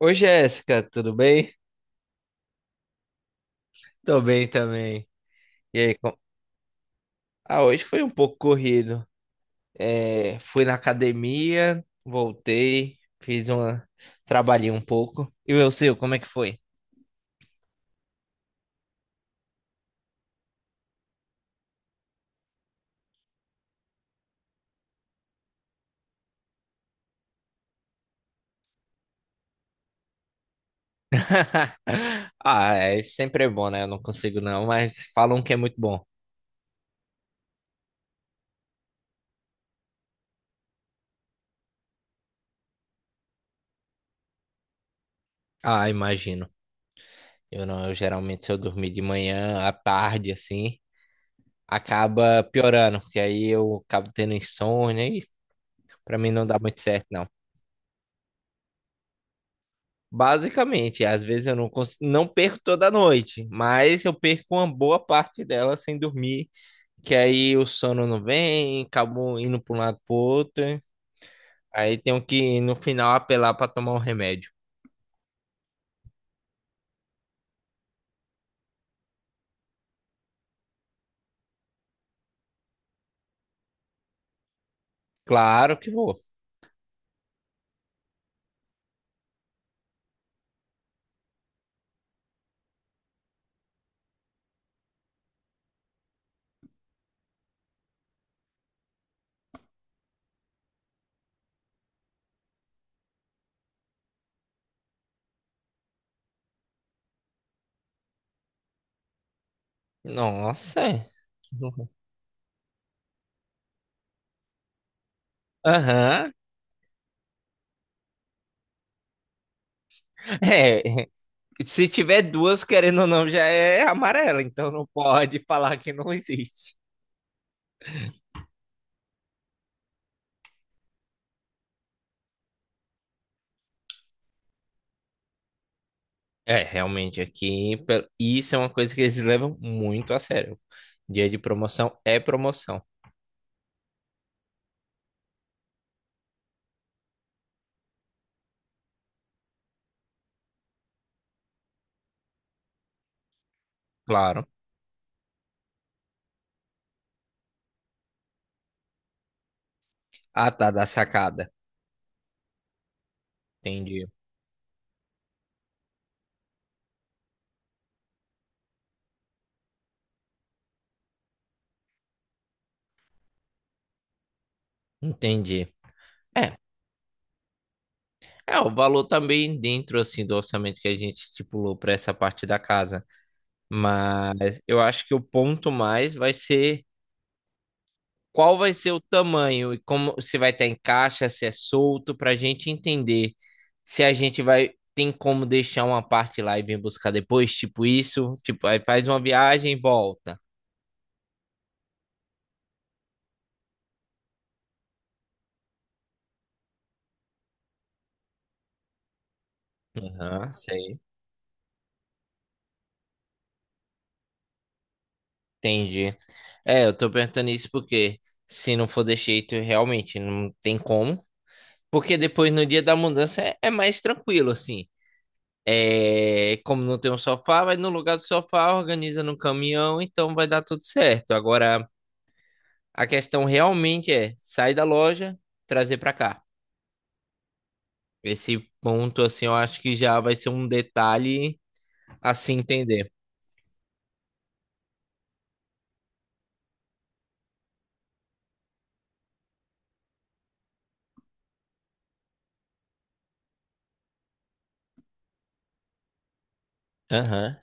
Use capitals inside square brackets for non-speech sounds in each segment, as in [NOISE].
Oi, Jéssica, tudo bem? Tô bem também. E aí, com... Ah, hoje foi um pouco corrido. É, fui na academia, voltei, fiz uma... Trabalhei um pouco. E o seu, como é que foi? [LAUGHS] Ah, é, sempre é bom, né? Eu não consigo não, mas falam que é muito bom. Ah, imagino. Eu não, eu geralmente se eu dormir de manhã, à tarde, assim, acaba piorando, porque aí eu acabo tendo insônia e pra mim não dá muito certo, não. Basicamente, às vezes eu não perco toda noite, mas eu perco uma boa parte dela sem dormir, que aí o sono não vem, acabo indo para um lado para outro, aí tenho que no final apelar para tomar um remédio. Claro que vou. Nossa, é. Aham. [LAUGHS] É, se tiver duas, querendo ou não, já é amarela, então não pode falar que não existe. É, realmente aqui. Isso é uma coisa que eles levam muito a sério. Dia de promoção é promoção, claro. Ah, tá, da sacada. Entendi. Entendi. É, é o valor também dentro assim do orçamento que a gente estipulou para essa parte da casa, mas eu acho que o ponto mais vai ser qual vai ser o tamanho e como se vai estar em caixa, se é solto, para a gente entender se a gente vai tem como deixar uma parte lá e vir buscar depois, tipo isso, tipo aí faz uma viagem e volta. Aham, sei, entendi. É, eu tô perguntando isso porque se não for desse jeito, realmente não tem como. Porque depois no dia da mudança é, é mais tranquilo, assim. É, como não tem um sofá, vai no lugar do sofá, organiza no caminhão, então vai dar tudo certo. Agora, a questão realmente é sair da loja, trazer para cá. Esse ponto, assim, eu acho que já vai ser um detalhe a se entender. Aham.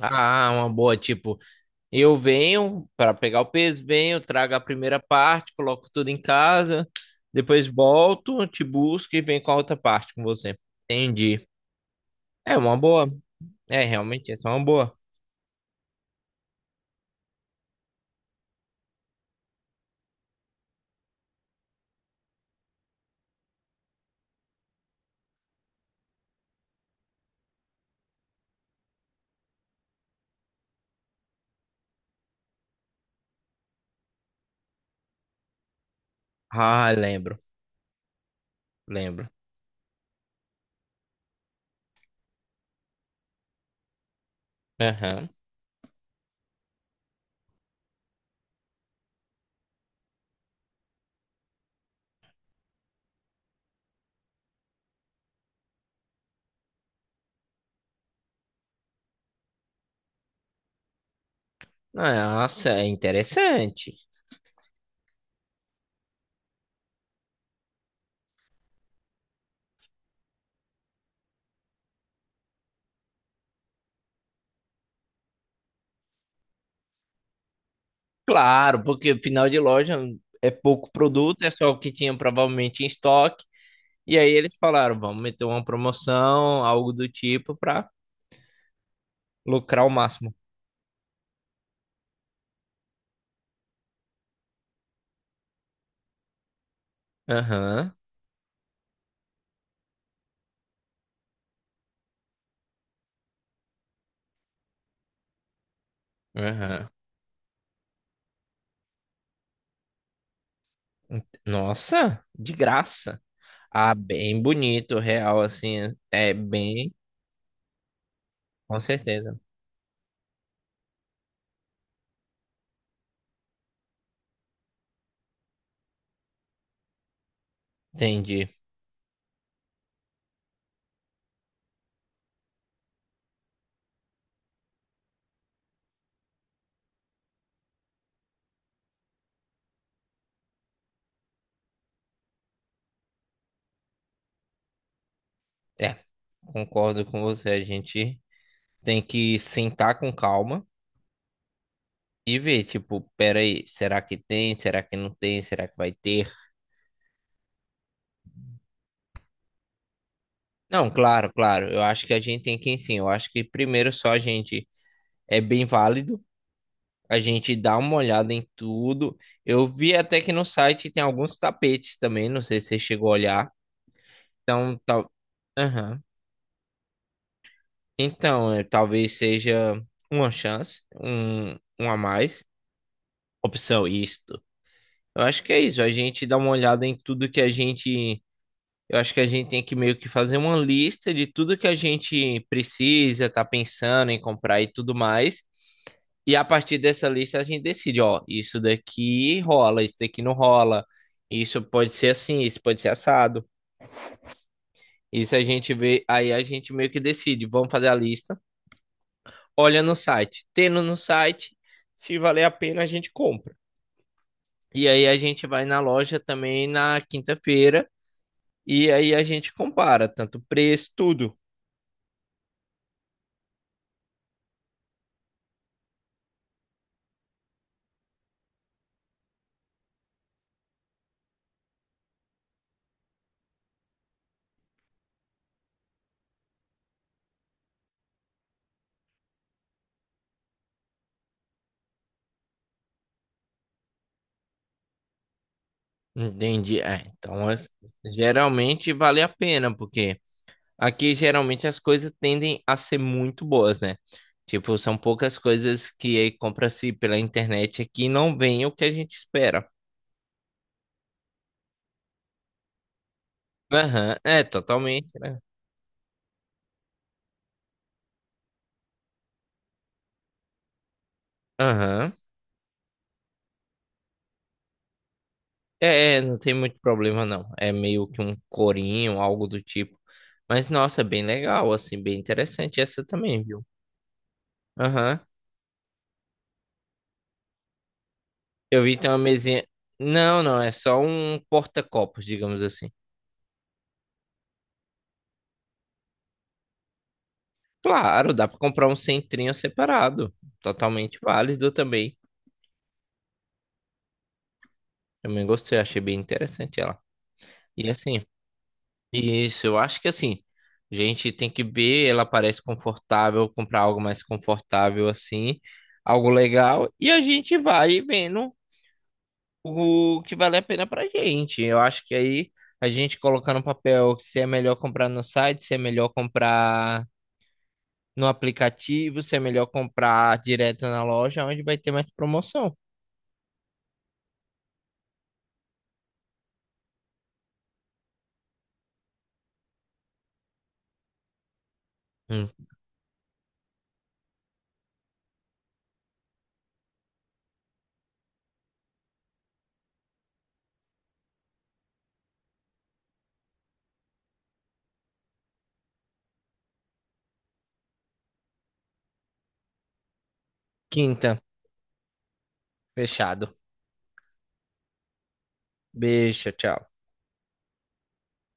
Ah, uma boa. Tipo, eu venho para pegar o peso, venho, trago a primeira parte, coloco tudo em casa, depois volto, te busco e venho com a outra parte com você. Entendi. É uma boa. É, realmente, essa é uma boa. Ah, lembro, lembro. Aham. Nossa, é interessante. Claro, porque final de loja é pouco produto, é só o que tinha provavelmente em estoque. E aí eles falaram, vamos meter uma promoção, algo do tipo, para lucrar o máximo. Aham, aham. Nossa, de graça. Ah, bem bonito, real, assim, é bem, com certeza. Entendi. É, concordo com você, a gente tem que sentar com calma e ver, tipo, peraí, será que tem? Será que não tem? Será que vai ter? Não, claro, claro. Eu acho que a gente tem que, sim. Eu acho que primeiro só a gente é bem válido. A gente dá uma olhada em tudo. Eu vi até que no site tem alguns tapetes também. Não sei se você chegou a olhar. Então, tal. Aham. Então, é, talvez seja uma chance, um a mais. Opção, isto. Eu acho que é isso. A gente dá uma olhada em tudo que a gente. Eu acho que a gente tem que meio que fazer uma lista de tudo que a gente precisa, tá pensando em comprar e tudo mais. E a partir dessa lista a gente decide, ó, isso daqui rola, isso daqui não rola, isso pode ser assim, isso pode ser assado. Isso a gente vê, aí a gente meio que decide, vamos fazer a lista, olha no site, tendo no site, se valer a pena a gente compra. E aí a gente vai na loja também na quinta-feira e aí a gente compara tanto preço, tudo. Entendi. Geralmente vale a pena, porque aqui geralmente as coisas tendem a ser muito boas, né? Tipo, são poucas coisas que compra-se pela internet aqui e não vem o que a gente espera. Aham, é totalmente, né? Aham. É, é, não tem muito problema não. É meio que um corinho, algo do tipo. Mas nossa, é bem legal, assim, bem interessante essa também, viu? Aham. Eu vi tem uma mesinha. Não, não, é só um porta-copos, digamos assim. Claro, dá pra comprar um centrinho separado. Totalmente válido também. Também gostei, achei bem interessante ela. E assim, isso, eu acho que assim, a gente tem que ver, ela parece confortável, comprar algo mais confortável assim, algo legal, e a gente vai vendo o que vale a pena pra gente. Eu acho que aí a gente colocar no papel se é melhor comprar no site, se é melhor comprar no aplicativo, se é melhor comprar direto na loja, onde vai ter mais promoção. Hum. Quinta, fechado. Beijo, tchau.